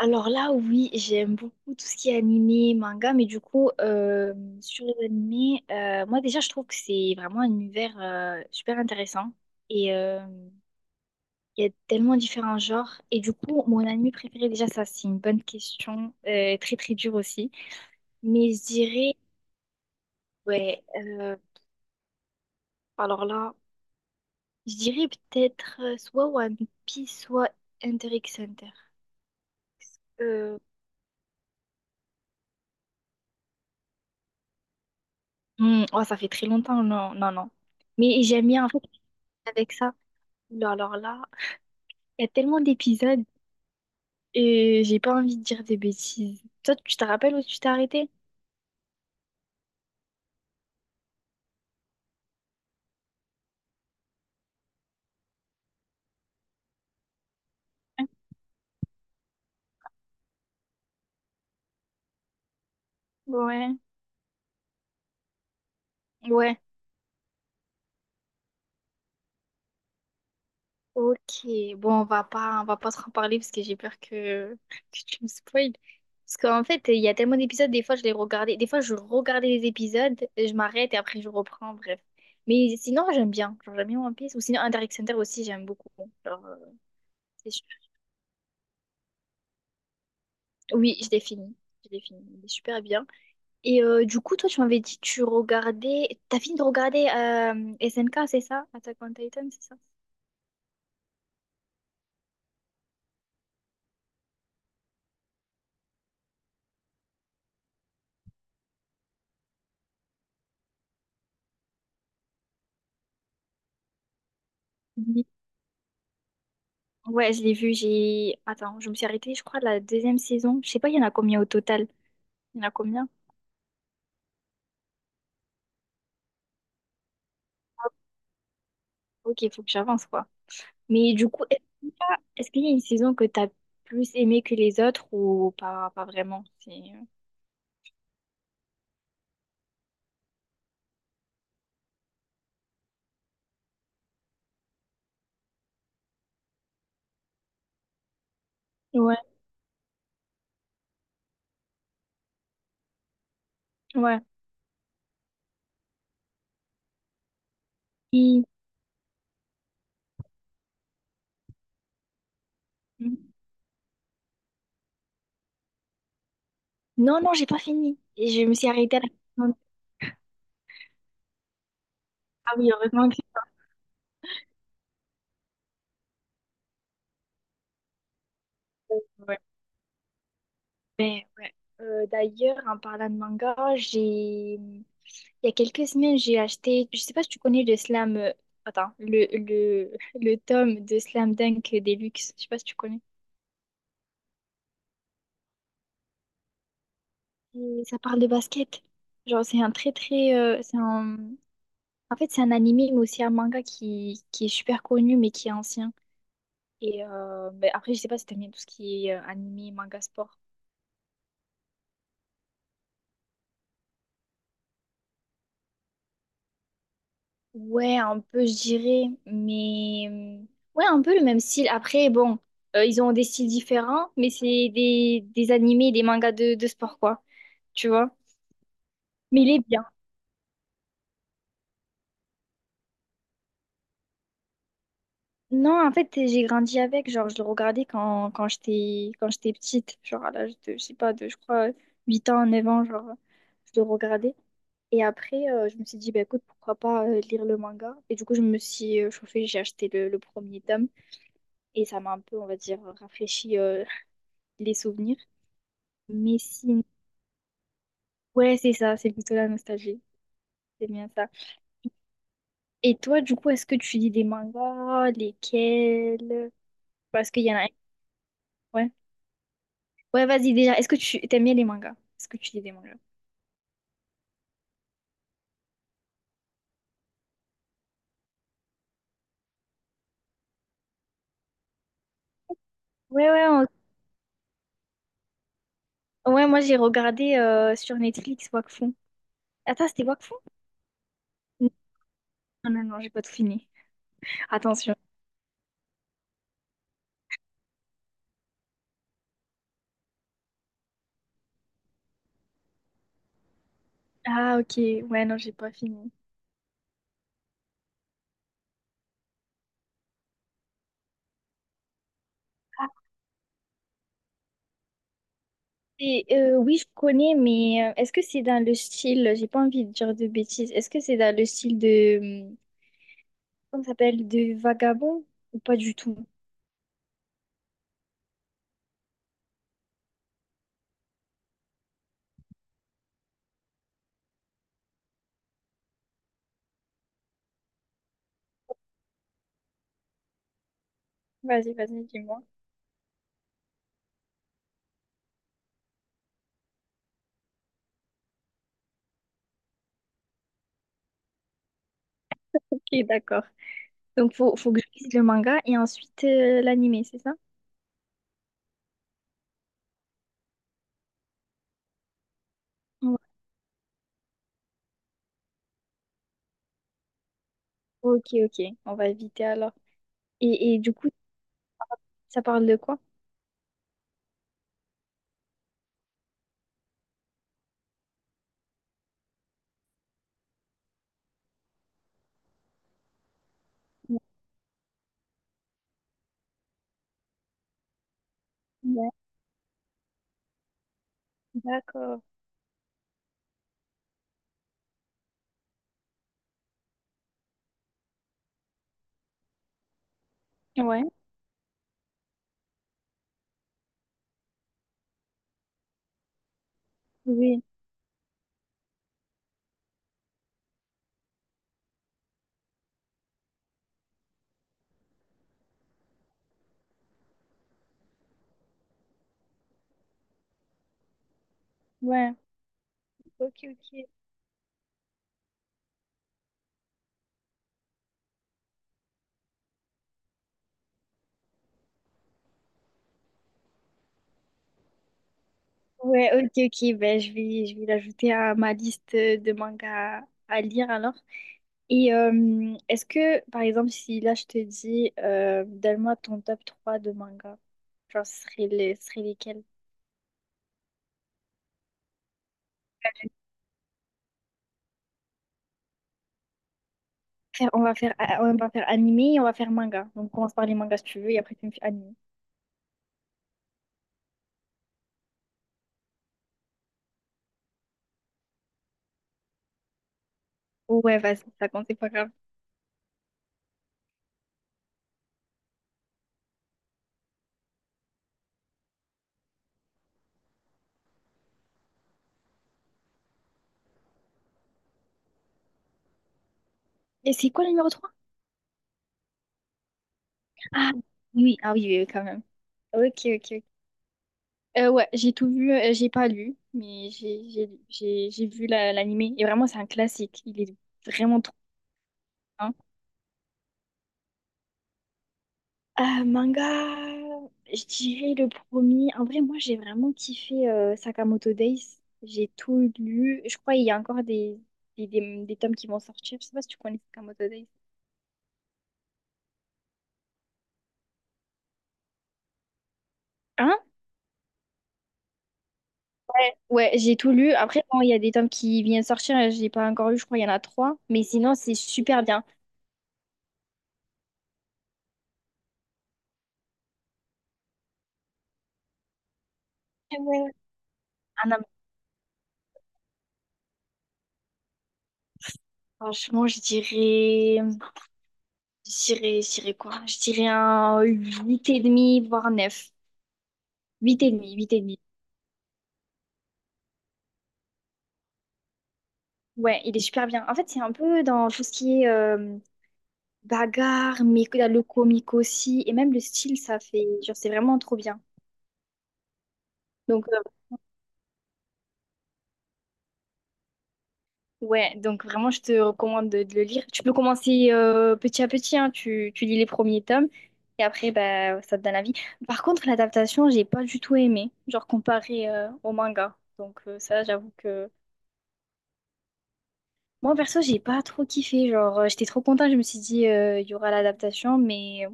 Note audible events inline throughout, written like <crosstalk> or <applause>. Alors là, oui, j'aime beaucoup tout ce qui est animé, manga, mais du coup, sur les animés, moi déjà, je trouve que c'est vraiment un univers super intéressant. Et il y a tellement différents genres. Et du coup, mon anime préféré, déjà, ça, c'est une bonne question, très très dure aussi. Mais je dirais, ouais, alors là, je dirais peut-être soit One Piece, soit Hunter x Hunter. Euh, oh, ça fait très longtemps, non, non, non. Mais j'aime bien, en fait, avec ça. Mais alors là, il y a tellement d'épisodes et j'ai pas envie de dire des bêtises. Toi, tu te rappelles où tu t'es arrêté? Ouais. Ouais. Ok. Bon, on va pas trop en parler parce que j'ai peur que tu me spoiles. Parce qu'en fait, il y a tellement d'épisodes, des fois je les regardais, des fois je regardais les épisodes, et je m'arrête et après je reprends, bref. Mais sinon, j'aime bien. Genre, j'aime bien One Piece. Ou sinon, Hunter x Hunter aussi, j'aime beaucoup. Genre, c'est su- oui, je l'ai fini. Je l'ai fini. Il est super bien. Et du coup, toi, tu m'avais dit que tu regardais. T'as fini de regarder SNK, c'est ça? Attack on Titan, c'est ça? Oui. Ouais, je l'ai vu. J'ai. Attends, je me suis arrêtée, je crois, la deuxième saison. Je sais pas, il y en a combien au total? Il y en a combien? Ok, il faut que j'avance, quoi. Mais du coup, SNK, est-ce qu'il y a une saison que t'as plus aimée que les autres ou pas, pas vraiment? C'est- Ouais. Ouais. Et- Non, non, j'ai pas fini. Et je me suis arrêtée à la. Saison. Ah oui, heureusement que... Mais ouais. D'ailleurs, en parlant de manga, j'ai il y a quelques semaines, j'ai acheté, je sais pas si tu connais le slam attends, le, le tome de Slam Dunk Deluxe, je sais pas si tu connais. Et ça parle de basket. Genre c'est un très très c'est un en fait, c'est un animé mais aussi un manga qui, est super connu mais qui est ancien. Et ben, après, je sais pas si t'aimes bien tout ce qui est animé, manga sport. Ouais, un peu, je dirais, mais ouais, un peu le même style. Après, bon, ils ont des styles différents, mais c'est des, animés, des mangas de sport, quoi, tu vois. Mais il est bien. Non, en fait, j'ai grandi avec, genre, je le regardais quand j'étais petite, genre à l'âge de, je sais pas, de, je crois, 8 ans, 9 ans, genre, je le regardais. Et après, je me suis dit, bah écoute, pourquoi pas lire le manga? Et du coup, je me suis chauffée, j'ai acheté le premier tome, et ça m'a un peu, on va dire, rafraîchi <laughs> les souvenirs. Messine. Ouais, c'est ça, c'est plutôt la nostalgie. C'est bien ça. Et toi, du coup, est-ce que tu lis des mangas? Lesquels? Parce qu'il y en a un. Ouais. Ouais, vas-y, déjà. Est-ce que tu t'aimes bien les mangas? Est-ce que tu lis des mangas? Ouais, ouais, ouais, moi j'ai regardé sur Netflix Wakfu. Attends, c'était Wakfu? Non, non, non, j'ai pas tout fini. Attention. Ah, ok. Ouais, non, j'ai pas fini. Ah, oui, je connais, mais est-ce que c'est dans le style, j'ai pas envie de dire de bêtises, est-ce que c'est dans le style de comment ça s'appelle? Des vagabonds? Ou pas du tout? Vas-y, vas-y, dis-moi. Ok, d'accord. Donc, faut que je lise le manga et ensuite l'animé, c'est ça? Ouais. Ok, ok. On va éviter alors. Et du coup, ça parle de quoi? Ouais, d'accord. Ouais, oui, ouais. Ok, ok. Ouais, ok, ok. Ben, je vais l'ajouter à ma liste de mangas à lire alors. Et est-ce que, par exemple, si là je te dis, donne-moi ton top 3 de manga, genre ce serait lesquels? Faire- on va faire, on va faire animé et on va faire manga. Donc on commence par les mangas si tu veux et après tu me fais animé. Ouais, vas-y, ça compte, c'est pas grave. Et c'est quoi le numéro trois? Ah oui, ah oui, oui, oui, quand même. Ok, ok. Ok. Ouais, j'ai tout vu, j'ai pas lu, mais j'ai vu l'animé. Et vraiment, c'est un classique. Il est vraiment trop bien. Manga, je dirais le premier. En vrai, moi, j'ai vraiment kiffé Sakamoto Days. J'ai tout lu. Je crois qu'il y a encore des, des tomes qui vont sortir. Je sais pas si tu connais Sakamoto Days. Hein? Ouais, j'ai tout lu. Après, bon, il y a des tomes qui viennent sortir. Je l'ai pas encore lu. Je crois qu'il y en a trois. Mais sinon, c'est super bien. Ah ouais, ouais. Ah non, mais franchement, je dirais. Je dirais quoi? Je dirais un 8,5, voire neuf huit virgule cinq, huit 8,5, 8,5. Ouais, il est super bien. En fait, c'est un peu dans tout ce qui est bagarre, mais le comique aussi, et même le style, ça fait, genre, c'est vraiment trop bien. Donc, ouais, donc vraiment, je te recommande de le lire. Tu peux commencer petit à petit, hein, tu lis les premiers tomes, et après, bah, ça te donne envie. Par contre, l'adaptation, j'ai pas du tout aimé, genre comparé au manga. Donc, ça, j'avoue que. Moi, perso, j'ai pas trop kiffé. Genre, j'étais trop contente, je me suis dit, il y aura l'adaptation, mais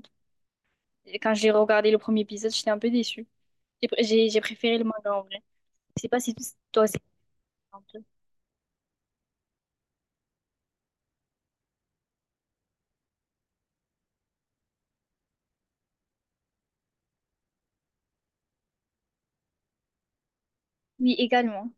quand j'ai regardé le premier épisode, j'étais un peu déçue. J'ai préféré le manga en vrai. Je sais pas si toi aussi. Oui, également.